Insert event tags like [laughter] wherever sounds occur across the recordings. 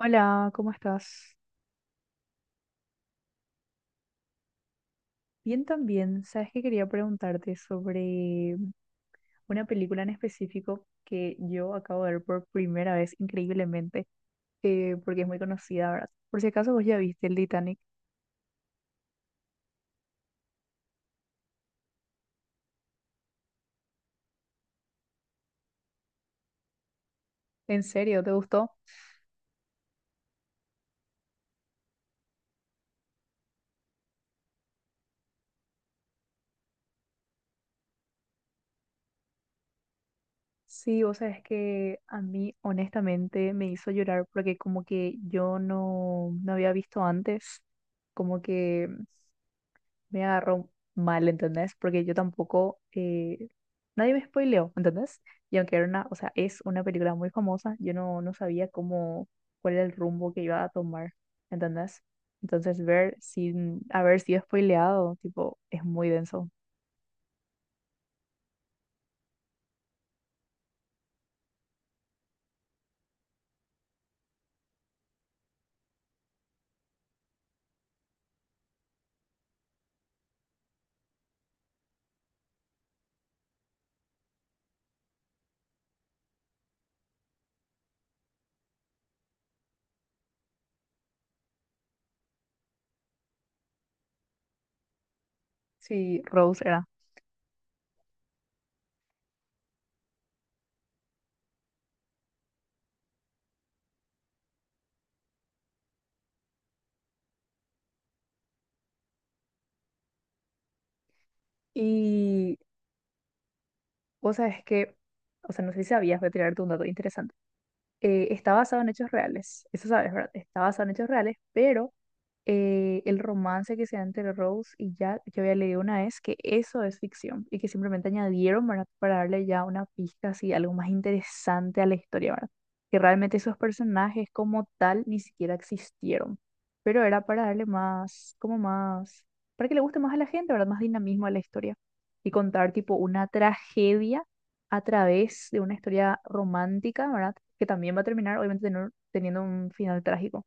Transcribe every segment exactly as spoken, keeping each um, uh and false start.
Hola, ¿cómo estás? Bien también. Sabes que quería preguntarte sobre una película en específico que yo acabo de ver por primera vez, increíblemente, eh, porque es muy conocida, ¿verdad? Por si acaso vos ya viste el Titanic. ¿En serio? ¿Te gustó? Sí, vos sabes que a mí honestamente me hizo llorar porque como que yo no, no había visto antes, como que me agarró mal, ¿entendés? Porque yo tampoco, eh, nadie me spoileó, ¿entendés? Y aunque era una, o sea, es una película muy famosa, yo no, no sabía cómo, cuál era el rumbo que iba a tomar, ¿entendés? Entonces ver sin haber sido spoileado, tipo, es muy denso. Sí, Rose era. Y vos sabés que, o sea, no sé si sabías, voy a tirarte un dato interesante. Eh, está basado en hechos reales, eso sabes, ¿verdad? Está basado en hechos reales, pero eh, el romance que se da entre Rose y Jack, yo había leído una vez que eso es ficción y que simplemente añadieron, ¿verdad? Para darle ya una pista así, algo más interesante a la historia, ¿verdad? Que realmente esos personajes como tal ni siquiera existieron, pero era para darle más, como más, para que le guste más a la gente, ¿verdad? Más dinamismo a la historia y contar tipo una tragedia a través de una historia romántica, ¿verdad? Que también va a terminar obviamente tener- teniendo un final trágico.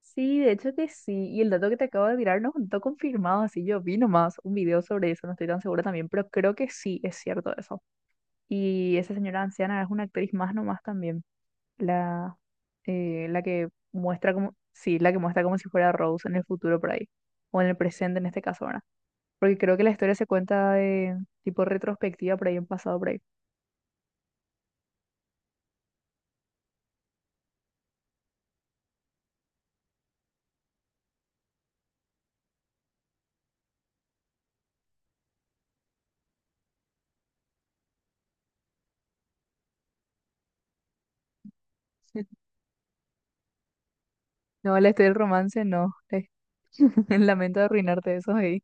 Sí, de hecho que sí. Y el dato que te acabo de tirar no está confirmado, así yo vi nomás un video sobre eso, no estoy tan segura también, pero creo que sí es cierto eso. Y esa señora anciana es una actriz más nomás también, la, eh, la que muestra como, sí, la que muestra como si fuera Rose en el futuro por ahí, o en el presente en este caso verdad. Porque creo que la historia se cuenta de tipo retrospectiva por ahí en pasado por ahí. [laughs] No, la historia del romance no, [laughs] lamento arruinarte eso ahí.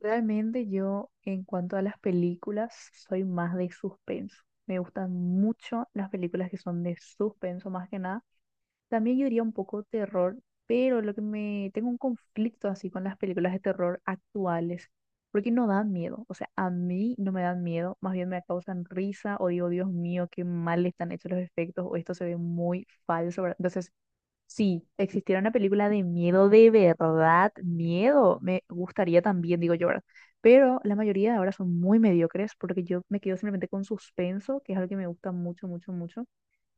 Realmente yo, en cuanto a las películas, soy más de suspenso. Me gustan mucho las películas que son de suspenso más que nada. También yo diría un poco terror, pero lo que me tengo un conflicto así con las películas de terror actuales, porque no dan miedo. O sea, a mí no me dan miedo, más bien me causan risa o digo, Dios mío, qué mal están hechos los efectos o esto se ve muy falso, ¿verdad? Entonces si existiera una película de miedo de verdad, miedo, me gustaría también, digo yo, ¿verdad? Pero la mayoría de ahora son muy mediocres porque yo me quedo simplemente con suspenso, que es algo que me gusta mucho, mucho, mucho.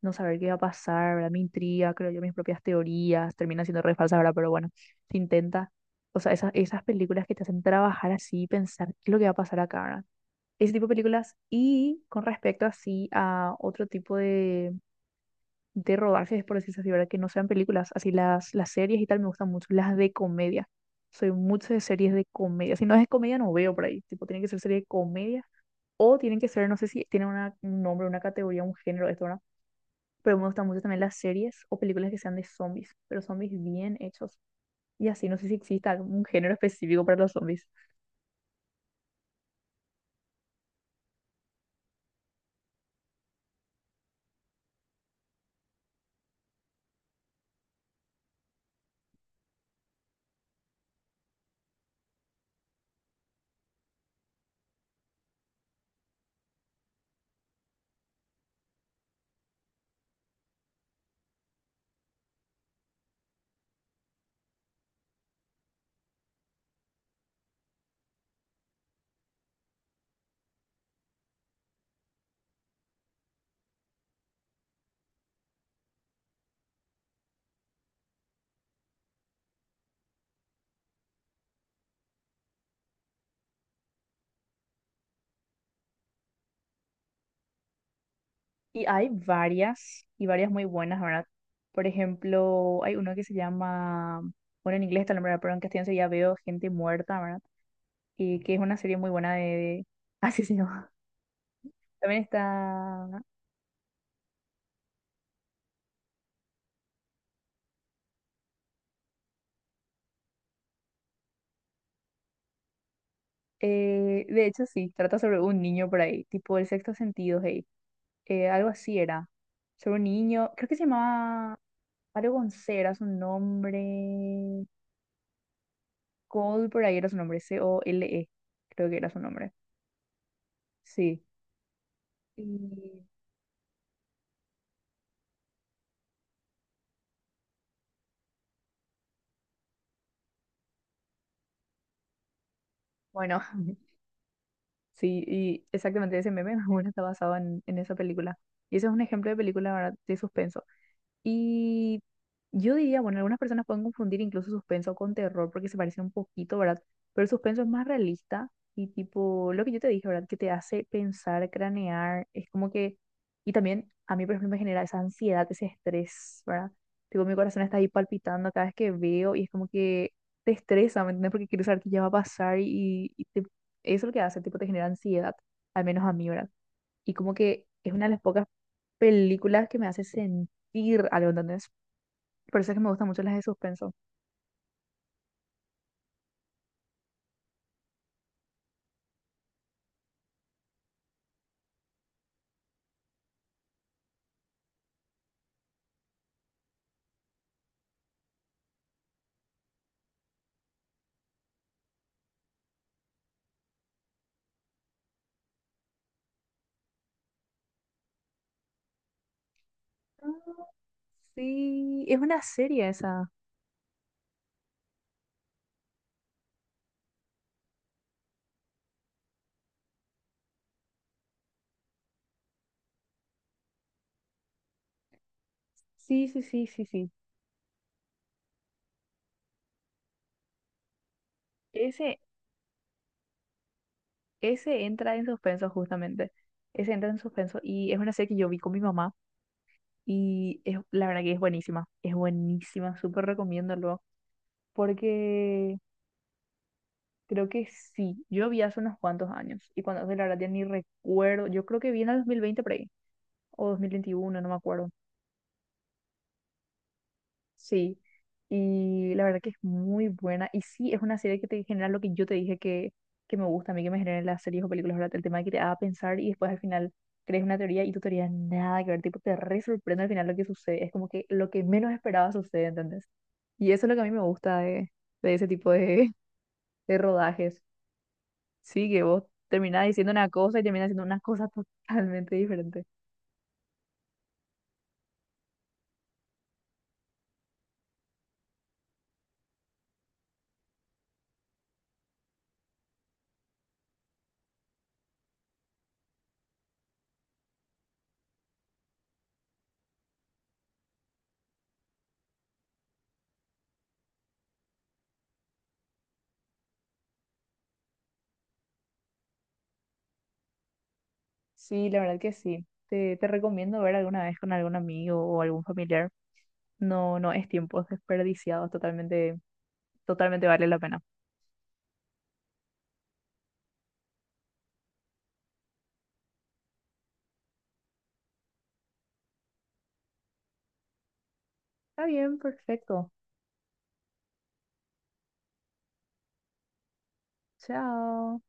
No saber qué va a pasar, ¿verdad? Me intriga, creo yo mis propias teorías, termina siendo re falsa, ¿verdad? Pero bueno, se intenta. O sea, esas, esas películas que te hacen trabajar así, pensar qué es lo que va a pasar acá, ¿verdad? Ese tipo de películas. Y con respecto así a otro tipo de de rodajes, por decirse así, ¿verdad? Que no sean películas, así las, las series y tal me gustan mucho, las de comedia. Soy mucho de series de comedia. Si no es de comedia, no veo por ahí. Tipo, tienen que ser series de comedia o tienen que ser, no sé si tienen una, un nombre, una categoría, un género, esto, ¿verdad? Pero me gustan mucho también las series o películas que sean de zombies, pero zombies bien hechos. Y así, no sé si exista algún género específico para los zombies. Y hay varias, y varias muy buenas, ¿verdad? Por ejemplo, hay uno que se llama, bueno, en inglés está el nombre, pero en castellano sería Veo gente muerta, ¿verdad? Y que es una serie muy buena de... de- [laughs] Así se llama. También está... eh, de hecho, sí, trata sobre un niño por ahí, tipo El Sexto Sentido, hey. Eh, algo así era. Sobre un niño, creo que se llamaba algo con C, era su nombre. Cole por ahí era su nombre, C-O-L-E, creo que era su nombre. Sí. Y bueno, [laughs] sí, y exactamente ese meme [laughs] bueno, está basado en, en esa película. Y ese es un ejemplo de película, ¿verdad? De suspenso. Y yo diría, bueno, algunas personas pueden confundir incluso suspenso con terror porque se parece un poquito, ¿verdad? Pero el suspenso es más realista y tipo, lo que yo te dije, ¿verdad? Que te hace pensar, cranear, es como que, y también a mí, por ejemplo, me genera esa ansiedad, ese estrés, ¿verdad? Tipo, mi corazón está ahí palpitando cada vez que veo y es como que te estresa, ¿me entiendes? Porque quieres saber qué ya va a pasar y, y te- eso es lo que hace, tipo, te genera ansiedad, al menos a mí, ¿verdad? Y como que es una de las pocas películas que me hace sentir algo, ¿entendés? Por eso es que me gustan mucho las de suspenso. Ah, sí, es una serie esa. Sí, sí, sí, sí, sí. Ese, ese entra en suspenso justamente. Ese entra en suspenso y es una serie que yo vi con mi mamá y es, la verdad que es buenísima. Es buenísima, súper recomiendo luego porque creo que sí. Yo vi hace unos cuantos años y cuando hace la verdad ya ni recuerdo. Yo creo que vi en el dos mil veinte por ahí o dos mil veintiuno no me acuerdo. Sí, y la verdad que es muy buena. Y sí, es una serie que te genera lo que yo te dije que, que me gusta a mí, que me generan las series o películas, ¿verdad? El tema de que te haga pensar y después al final crees una teoría y tu teoría nada que ver, tipo, te re sorprende al final lo que sucede. Es como que lo que menos esperaba sucede, ¿entendés? Y eso es lo que a mí me gusta de, de ese tipo de, [laughs] de rodajes. Sí, que vos terminás diciendo una cosa y terminás haciendo una cosa totalmente diferente. Sí, la verdad que sí. Te, te recomiendo ver alguna vez con algún amigo o algún familiar. No, no es tiempo desperdiciado, totalmente, totalmente vale la pena. Está bien, perfecto. Chao.